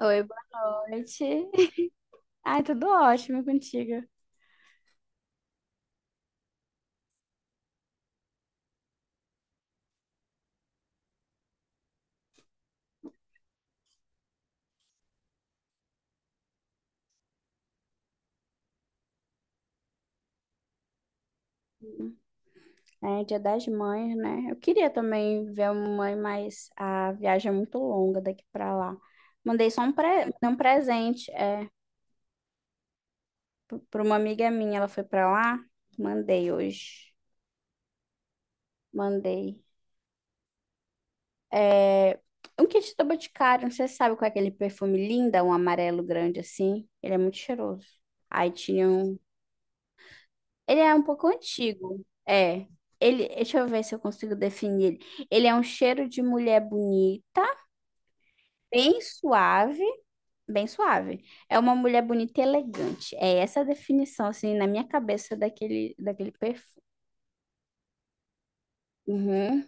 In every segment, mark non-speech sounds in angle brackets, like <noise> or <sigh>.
Oi, boa noite. <laughs> Ai, tudo ótimo contigo. É Dia das Mães, né? Eu queria também ver a mãe, mas a viagem é muito longa daqui pra lá. Mandei só um presente, pra uma amiga minha, ela foi pra lá. Mandei hoje. Mandei. É... Um kit da Boticário, você sabe qual é aquele perfume linda, um amarelo grande assim? Ele é muito cheiroso. Aí tinham Ele é um pouco antigo. É. Deixa eu ver se eu consigo definir ele. Ele é um cheiro de mulher bonita, bem suave, bem suave. É uma mulher bonita e elegante. É essa a definição, assim, na minha cabeça daquele perfume. Uhum.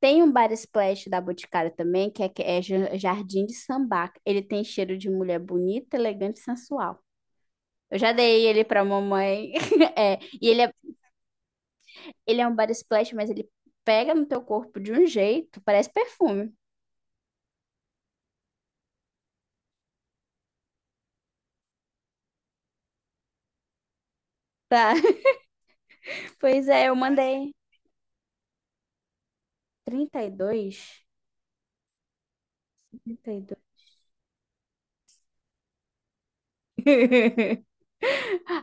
Tem um Bar Splash da Boticário também, que é Jardim de Sambaca. Ele tem cheiro de mulher bonita, elegante e sensual. Eu já dei ele pra mamãe. <laughs> É, e ele é. Ele é um body splash, mas ele pega no teu corpo de um jeito, parece perfume. Tá. <laughs> Pois é, eu mandei 32. 32. <laughs>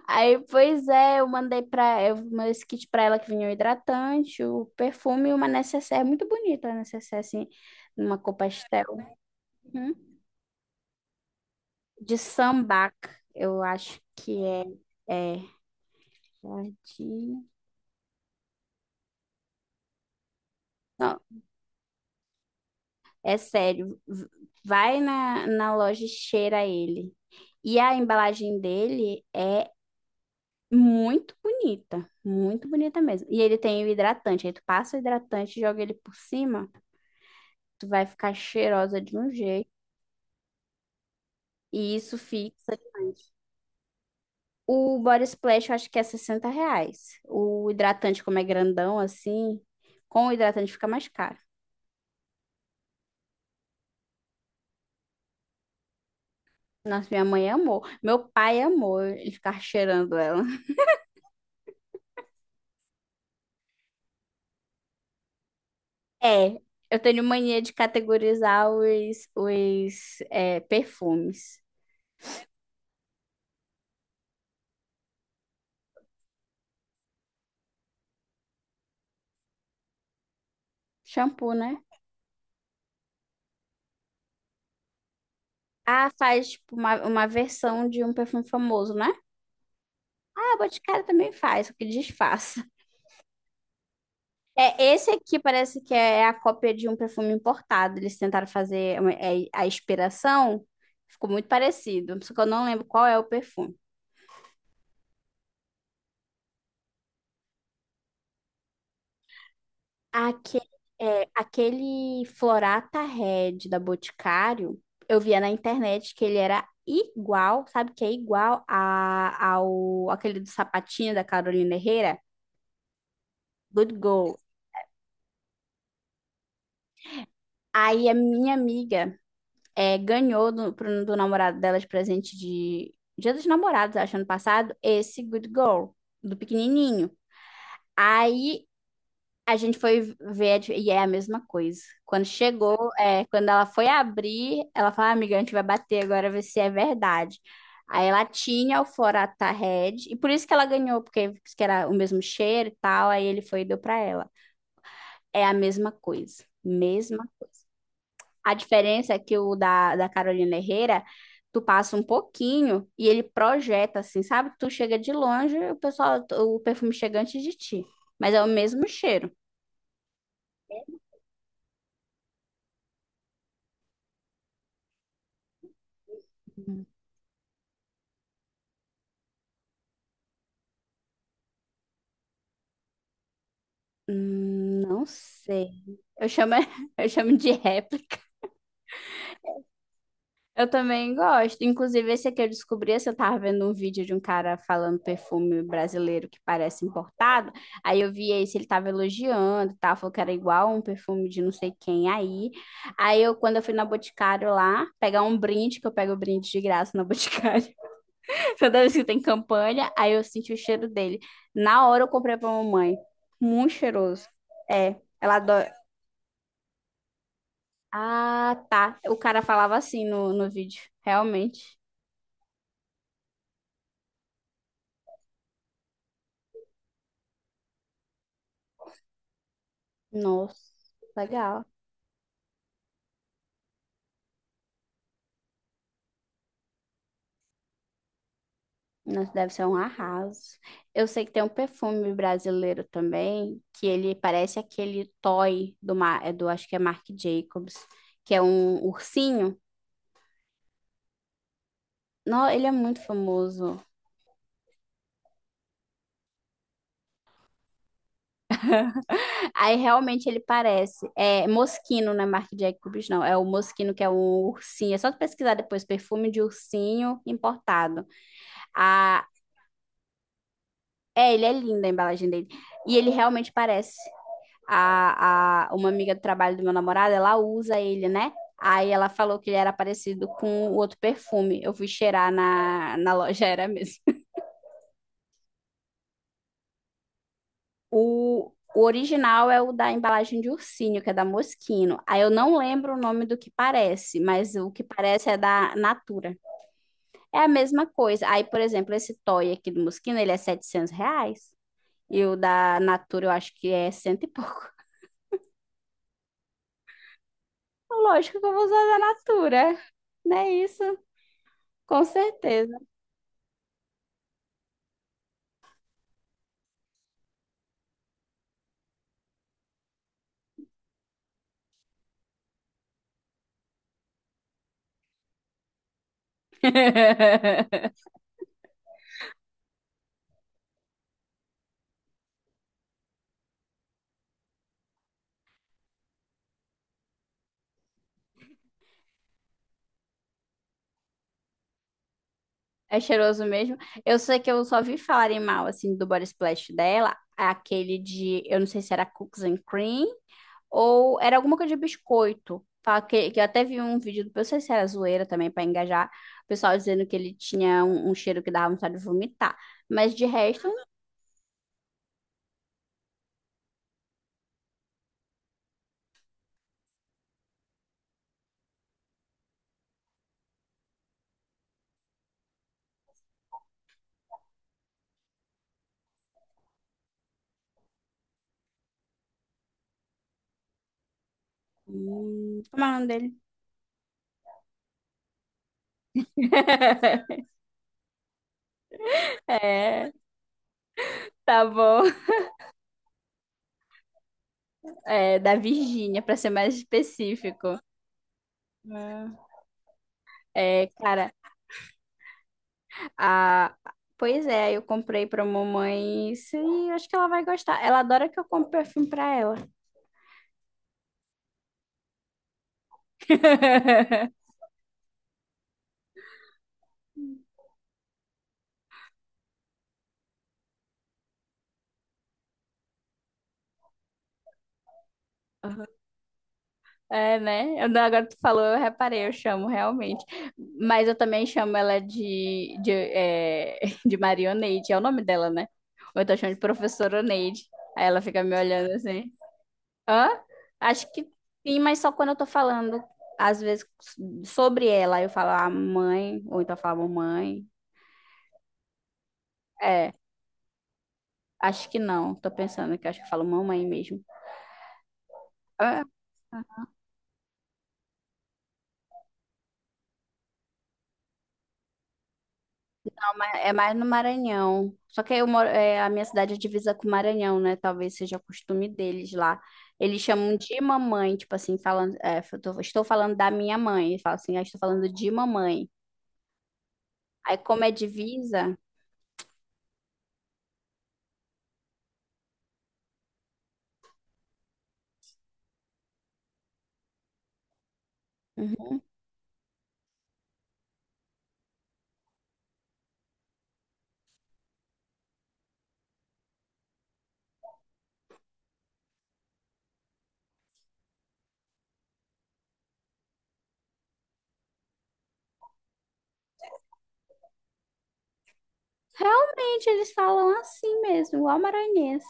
Aí, pois é, eu mandei esse kit pra ela, que vinha o hidratante, o perfume e uma necessaire muito bonita, a necessaire assim, numa cor pastel. Uhum. De sambac, eu acho que é. É. é de... Não, é sério. Vai na loja e cheira ele. E a embalagem dele é muito bonita. Muito bonita mesmo. E ele tem o hidratante. Aí tu passa o hidratante, joga ele por cima, tu vai ficar cheirosa de um jeito. E isso fixa demais. O Body Splash eu acho que é R$ 60. O hidratante, como é grandão assim, com o hidratante fica mais caro. Nossa, minha mãe amou. Meu pai amou ele ficar cheirando ela. É, eu tenho mania de categorizar os perfumes. Shampoo, né? Ah, faz tipo uma versão de um perfume famoso, né? Ah, Boticário também faz, só que disfarça. É, esse aqui parece que é a cópia de um perfume importado. Eles tentaram fazer a inspiração, ficou muito parecido, só que eu não lembro qual é o perfume. Aque- aquele Florata Red da Boticário, eu via na internet que ele era igual, sabe que é igual ao aquele do sapatinho da Carolina Herrera, Good Girl. Aí a minha amiga ganhou do namorado dela de presente de Dia dos Namorados, acho, ano passado, esse Good Girl, do pequenininho. Aí a gente foi ver e é a mesma coisa. Quando chegou, quando ela foi abrir, ela falou, "Ah, amiga, a gente vai bater agora, ver se é verdade." Aí ela tinha o Forata Red, e por isso que ela ganhou, porque disse que era o mesmo cheiro e tal, aí ele foi e deu pra ela. É a mesma coisa, mesma coisa. A diferença é que o da Carolina Herrera, tu passa um pouquinho e ele projeta assim, sabe? Tu chega de longe, o pessoal, o perfume chega antes de ti, mas é o mesmo cheiro. Não sei. Eu chamo, <laughs> eu chamo de réplica. Eu também gosto. Inclusive, esse aqui eu descobri, esse eu tava vendo um vídeo de um cara falando perfume brasileiro que parece importado. Aí eu vi esse, ele tava elogiando, e tal, falou que era igual um perfume de não sei quem aí. Aí eu, quando eu fui na Boticário lá, pegar um brinde, que eu pego brinde de graça na Boticário, <laughs> toda vez que tem campanha, aí eu senti o cheiro dele. Na hora eu comprei pra mamãe. Muito cheiroso. É, ela adora. Ah, tá. O cara falava assim no vídeo, realmente. Nossa, legal. Nossa, deve ser um arraso. Eu sei que tem um perfume brasileiro também, que ele parece aquele Toy do acho que é Marc Jacobs, que é um ursinho. Não, ele é muito famoso. <laughs> Aí realmente ele parece. É Moschino, não é Marc Jacobs, não. É o Moschino, que é um ursinho. É só tu pesquisar depois, perfume de ursinho importado. É, ele é lindo a embalagem dele. E ele realmente parece. Uma amiga do trabalho do meu namorado, ela usa ele, né? Aí ela falou que ele era parecido com o outro perfume. Eu fui cheirar na loja, <laughs> era mesmo. O original é o da embalagem de ursinho, que é da Moschino. Aí eu não lembro o nome do que parece, mas o que parece é da Natura. É a mesma coisa. Aí, por exemplo, esse toy aqui do Moschino, ele é R$ 700. E o da Natura, eu acho que é cento e pouco. Lógico que eu vou usar da Natura, né? Isso, com certeza. <laughs> É cheiroso mesmo. Eu sei que eu só vi falarem mal, assim, do body splash dela, aquele de, eu não sei se era cookies and cream, ou era alguma coisa de biscoito. Que eu até vi um vídeo, eu não sei se era zoeira também, pra engajar, o pessoal dizendo que ele tinha um cheiro que dava vontade de vomitar. Mas de resto. Como é o nome dele? <laughs> É, tá bom. Da Virgínia, para ser mais específico. É. É, cara, a... pois é, eu comprei pra mamãe. Isso, e acho que ela vai gostar. Ela adora que eu compre perfume pra ela. <laughs> É, né? Eu não- Agora tu falou, eu reparei, eu chamo realmente. Mas eu também chamo ela de <laughs> de Marioneide, é o nome dela, né? Ou eu tô chamando de professora Neide. Aí ela fica me olhando assim. Hã? Acho que sim, mas só quando eu tô falando, às vezes, sobre ela, eu falo a mãe, ou então eu falo mãe. É, acho que não. Tô pensando que acho que eu falo mamãe mesmo. Ah, é mais no Maranhão. Só que a minha cidade é divisa com o Maranhão, né? Talvez seja costume deles lá. Eles chamam de mamãe, tipo assim, falando, estou falando da minha mãe. Eles falam assim, ah, estou falando de mamãe. Aí, como é divisa. Realmente, eles falam assim mesmo, igual maranhense.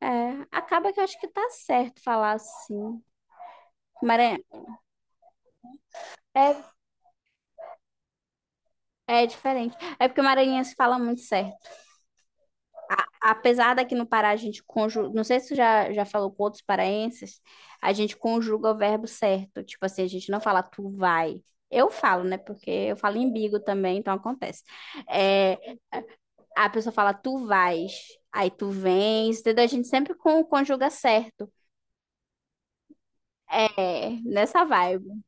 É, acaba que eu acho que tá certo falar assim. Maranhão. É, é diferente. É porque o maranhense fala muito certo. Apesar daqui no Pará a gente conjuga. Não sei se você já falou com outros paraenses, a gente conjuga o verbo certo. Tipo assim, a gente não fala tu vai. Eu falo, né? Porque eu falo em bigo também, então acontece. É, a pessoa fala tu vais, aí tu vens, entendeu? A gente sempre conjuga certo. É, nessa vibe.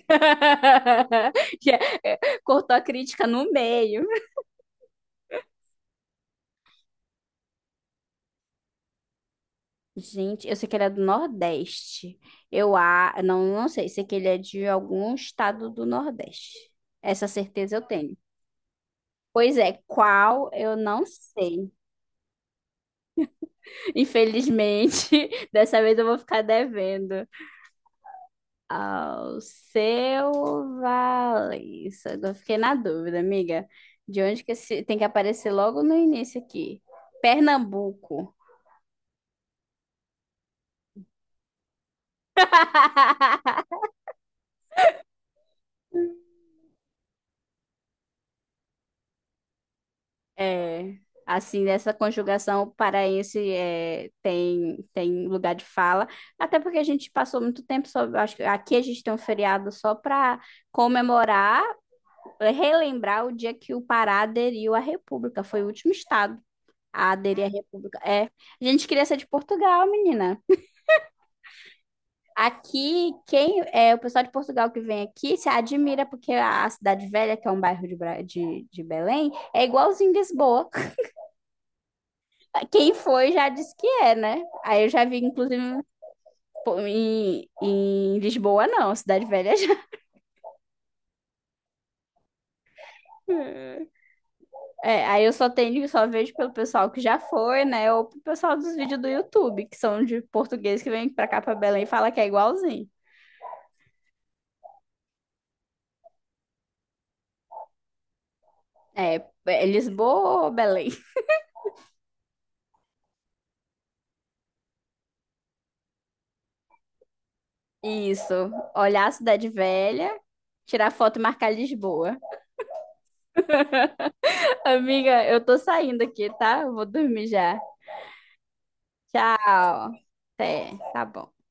<laughs> Já- Cortou a crítica no meio. Gente, eu sei que ele é do Nordeste. Não, não sei, sei que ele é de algum estado do Nordeste. Essa certeza eu tenho. Pois é, qual eu não sei. Infelizmente, <laughs> dessa vez eu vou ficar devendo. Ao seu Valença. Agora eu fiquei na dúvida, amiga. De onde que esse... tem que aparecer logo no início aqui? Pernambuco. É, assim, nessa conjugação o paraense tem lugar de fala, até porque a gente passou muito tempo só, acho que aqui a gente tem um feriado só para comemorar, relembrar o dia que o Pará aderiu à República, foi o último estado a aderir à República. É, a gente queria ser de Portugal, menina. Aqui, quem é o pessoal de Portugal que vem aqui se admira porque a Cidade Velha, que é um bairro de Belém, é igualzinho Lisboa. Quem foi já disse que é, né? Aí eu já vi, inclusive, pô, em Lisboa, não, Cidade Velha já. <laughs> É, aí eu só vejo pelo pessoal que já foi, né? Ou pro pessoal dos vídeos do YouTube, que são de português que vem pra cá pra Belém e fala que é igualzinho. É, é Lisboa ou Belém? <laughs> Isso. Olhar a Cidade Velha, tirar foto e marcar Lisboa. <laughs> Amiga, eu tô saindo aqui, tá? Eu vou dormir já. Tchau. Até. Tá bom.